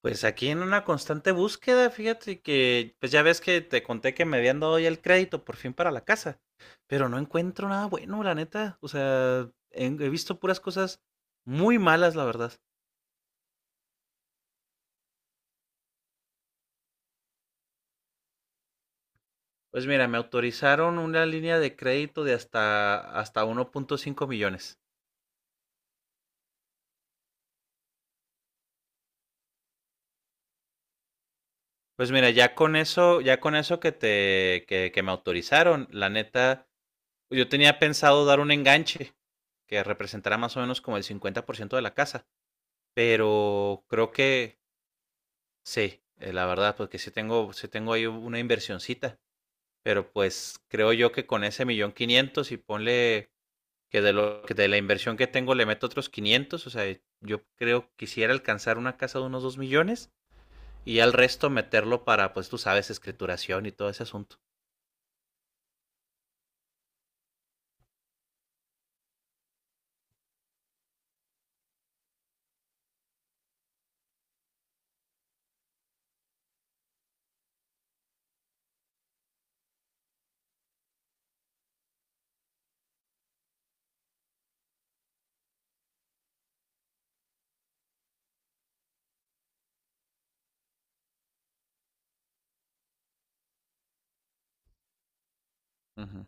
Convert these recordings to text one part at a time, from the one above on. Pues aquí en una constante búsqueda, fíjate que, pues ya ves que te conté que me habían dado ya el crédito por fin para la casa, pero no encuentro nada bueno, la neta. O sea, he visto puras cosas muy malas, la verdad. Pues mira, me autorizaron una línea de crédito de hasta 1.5 millones. Pues mira, ya con eso que me autorizaron, la neta, yo tenía pensado dar un enganche que representará más o menos como el 50% de la casa, pero creo que. Sí, la verdad, porque sí tengo ahí una inversioncita, pero pues creo yo que con ese millón quinientos y ponle que de la inversión que tengo le meto otros 500, o sea, yo creo que quisiera alcanzar una casa de unos 2 millones y al resto meterlo para, pues tú sabes, escrituración y todo ese asunto. Uh -huh.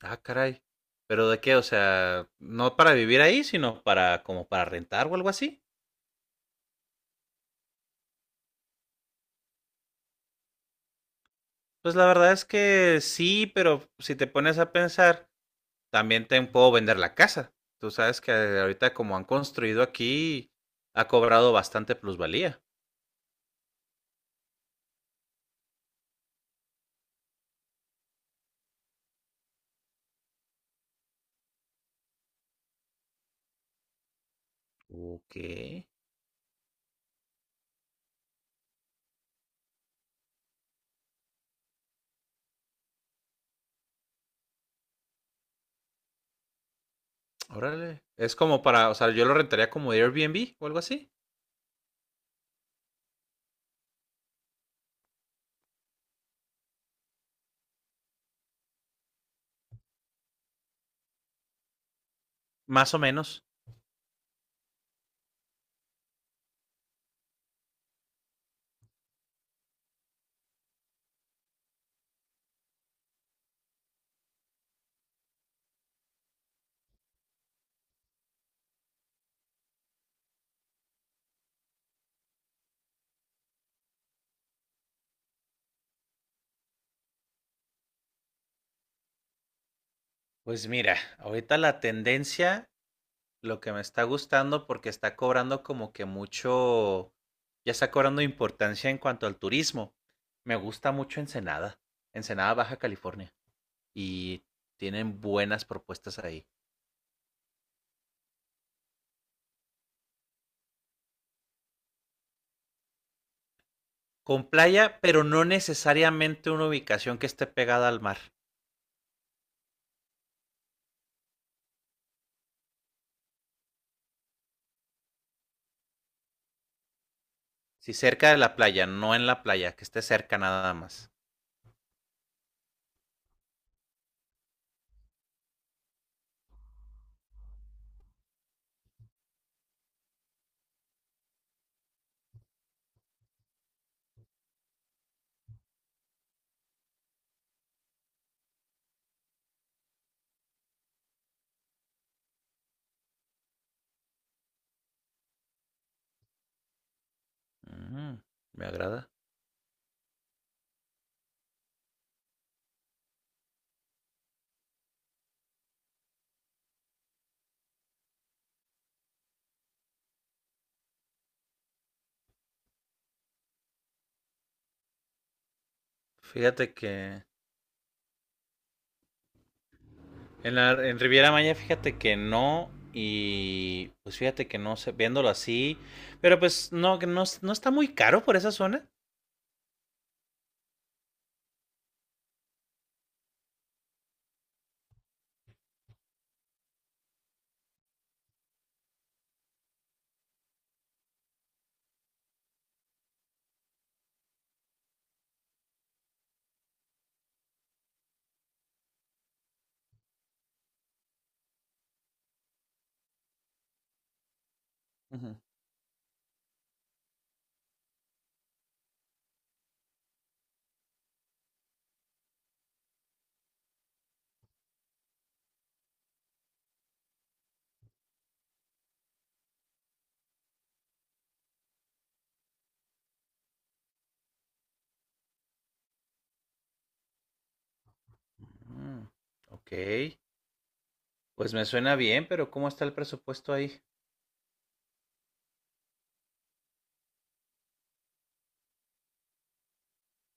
Ah, caray. ¿Pero de qué? O sea, no para vivir ahí, sino para como para rentar o algo así. Pues la verdad es que sí, pero si te pones a pensar, también te puedo vender la casa. Tú sabes que ahorita como han construido aquí, ha cobrado bastante plusvalía. Ok, órale. Es como para, o sea, yo lo rentaría como Airbnb o algo así, más o menos. Pues mira, ahorita la tendencia, lo que me está gustando porque está cobrando como que mucho, ya está cobrando importancia en cuanto al turismo. Me gusta mucho Ensenada, Ensenada Baja California, y tienen buenas propuestas ahí. Con playa, pero no necesariamente una ubicación que esté pegada al mar. Sí, cerca de la playa, no en la playa, que esté cerca nada más. Mm, me agrada. Fíjate que en Riviera Maya, fíjate que no. Y pues fíjate que no sé, viéndolo así. Pero pues no, que no, no está muy caro por esa zona. Ujú. Mm, ok. Pues me suena bien, pero ¿cómo está el presupuesto ahí?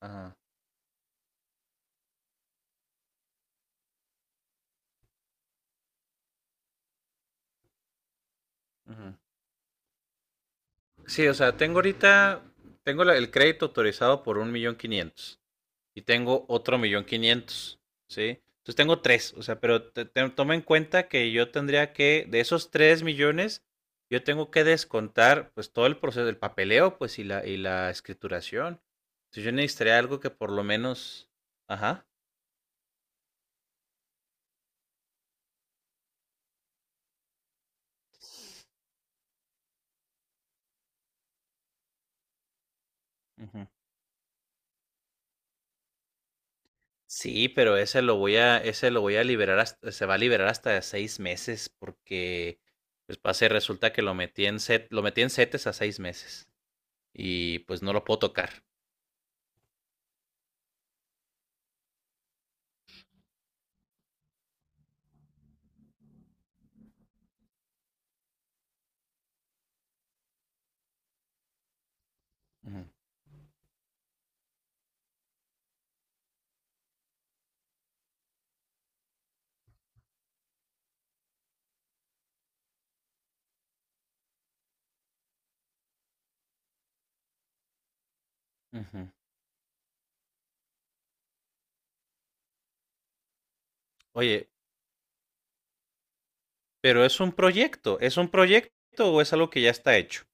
Ajá. Ujú. Sí, o sea, tengo ahorita, tengo el crédito autorizado por un millón quinientos y tengo otro millón quinientos, ¿sí? Entonces tengo tres, o sea, pero toma en cuenta que yo tendría que, de esos 3 millones, yo tengo que descontar pues todo el proceso del papeleo, pues y la escrituración. Entonces yo necesitaría algo que por lo menos, ajá. Sí, pero ese lo voy a, ese lo voy a liberar hasta- se va a liberar hasta 6 meses, porque pues resulta que lo metí en setes a 6 meses. Y pues no lo puedo tocar. Ujú, ujú. Oye, pero ¿es un proyecto o es algo que ya está hecho?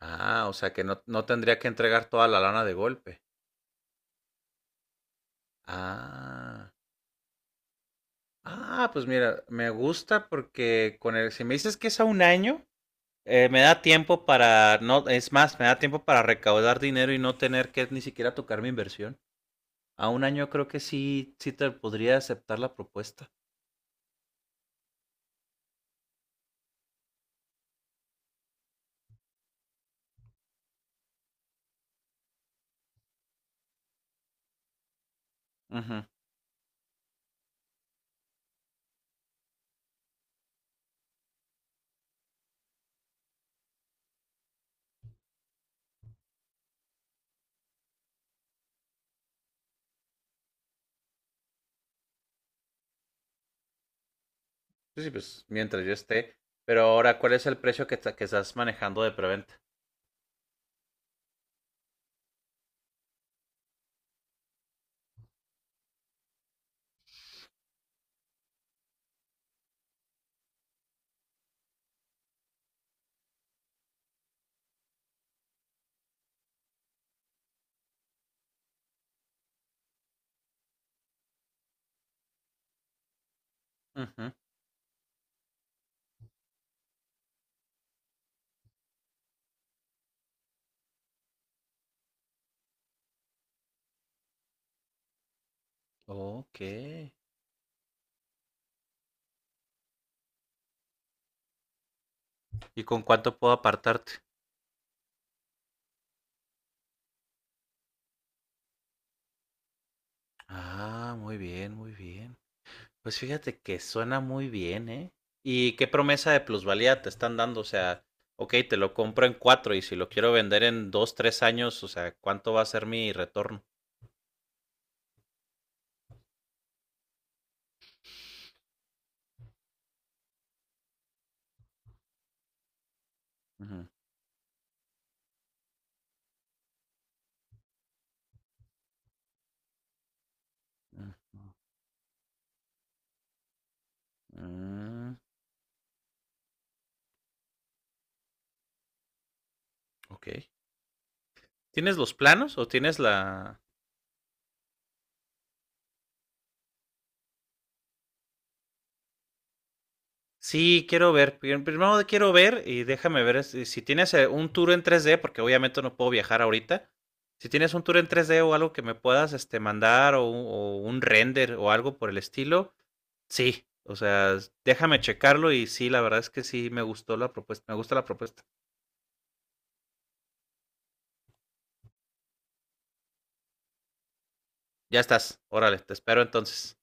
Ah, o sea que no, no tendría que entregar toda la lana de golpe. Ah. Ah, pues mira, me gusta porque con el, si me dices que es a un año, eh, me da tiempo para, no, es más, me da tiempo para recaudar dinero y no tener que ni siquiera tocar mi inversión. A un año creo que sí, sí te podría aceptar la propuesta. Ujú. Sí, sí, pues mientras yo esté. Pero ahora, ¿cuál es el precio que, ta- que estás manejando de preventa? Ujú. Ok. ¿Y con cuánto puedo apartarte? Ah, muy bien, muy bien. Pues fíjate que suena muy bien, ¿eh? ¿Y qué promesa de plusvalía te están dando? O sea, ok, te lo compro en cuatro y si lo quiero vender en dos, tres años, o sea, ¿cuánto va a ser mi retorno? Ujú, ujú. Mm, ok. ¿Tienes los planos o tienes la...? Sí, quiero ver. Primero quiero ver y déjame ver si tienes un tour en 3D, porque obviamente no puedo viajar ahorita. Si tienes un tour en 3D o algo que me puedas este, mandar o un render o algo por el estilo, sí, o sea, déjame checarlo y sí, la verdad es que sí me gustó la propuesta, me gusta la propuesta. Ya estás, órale, te espero entonces.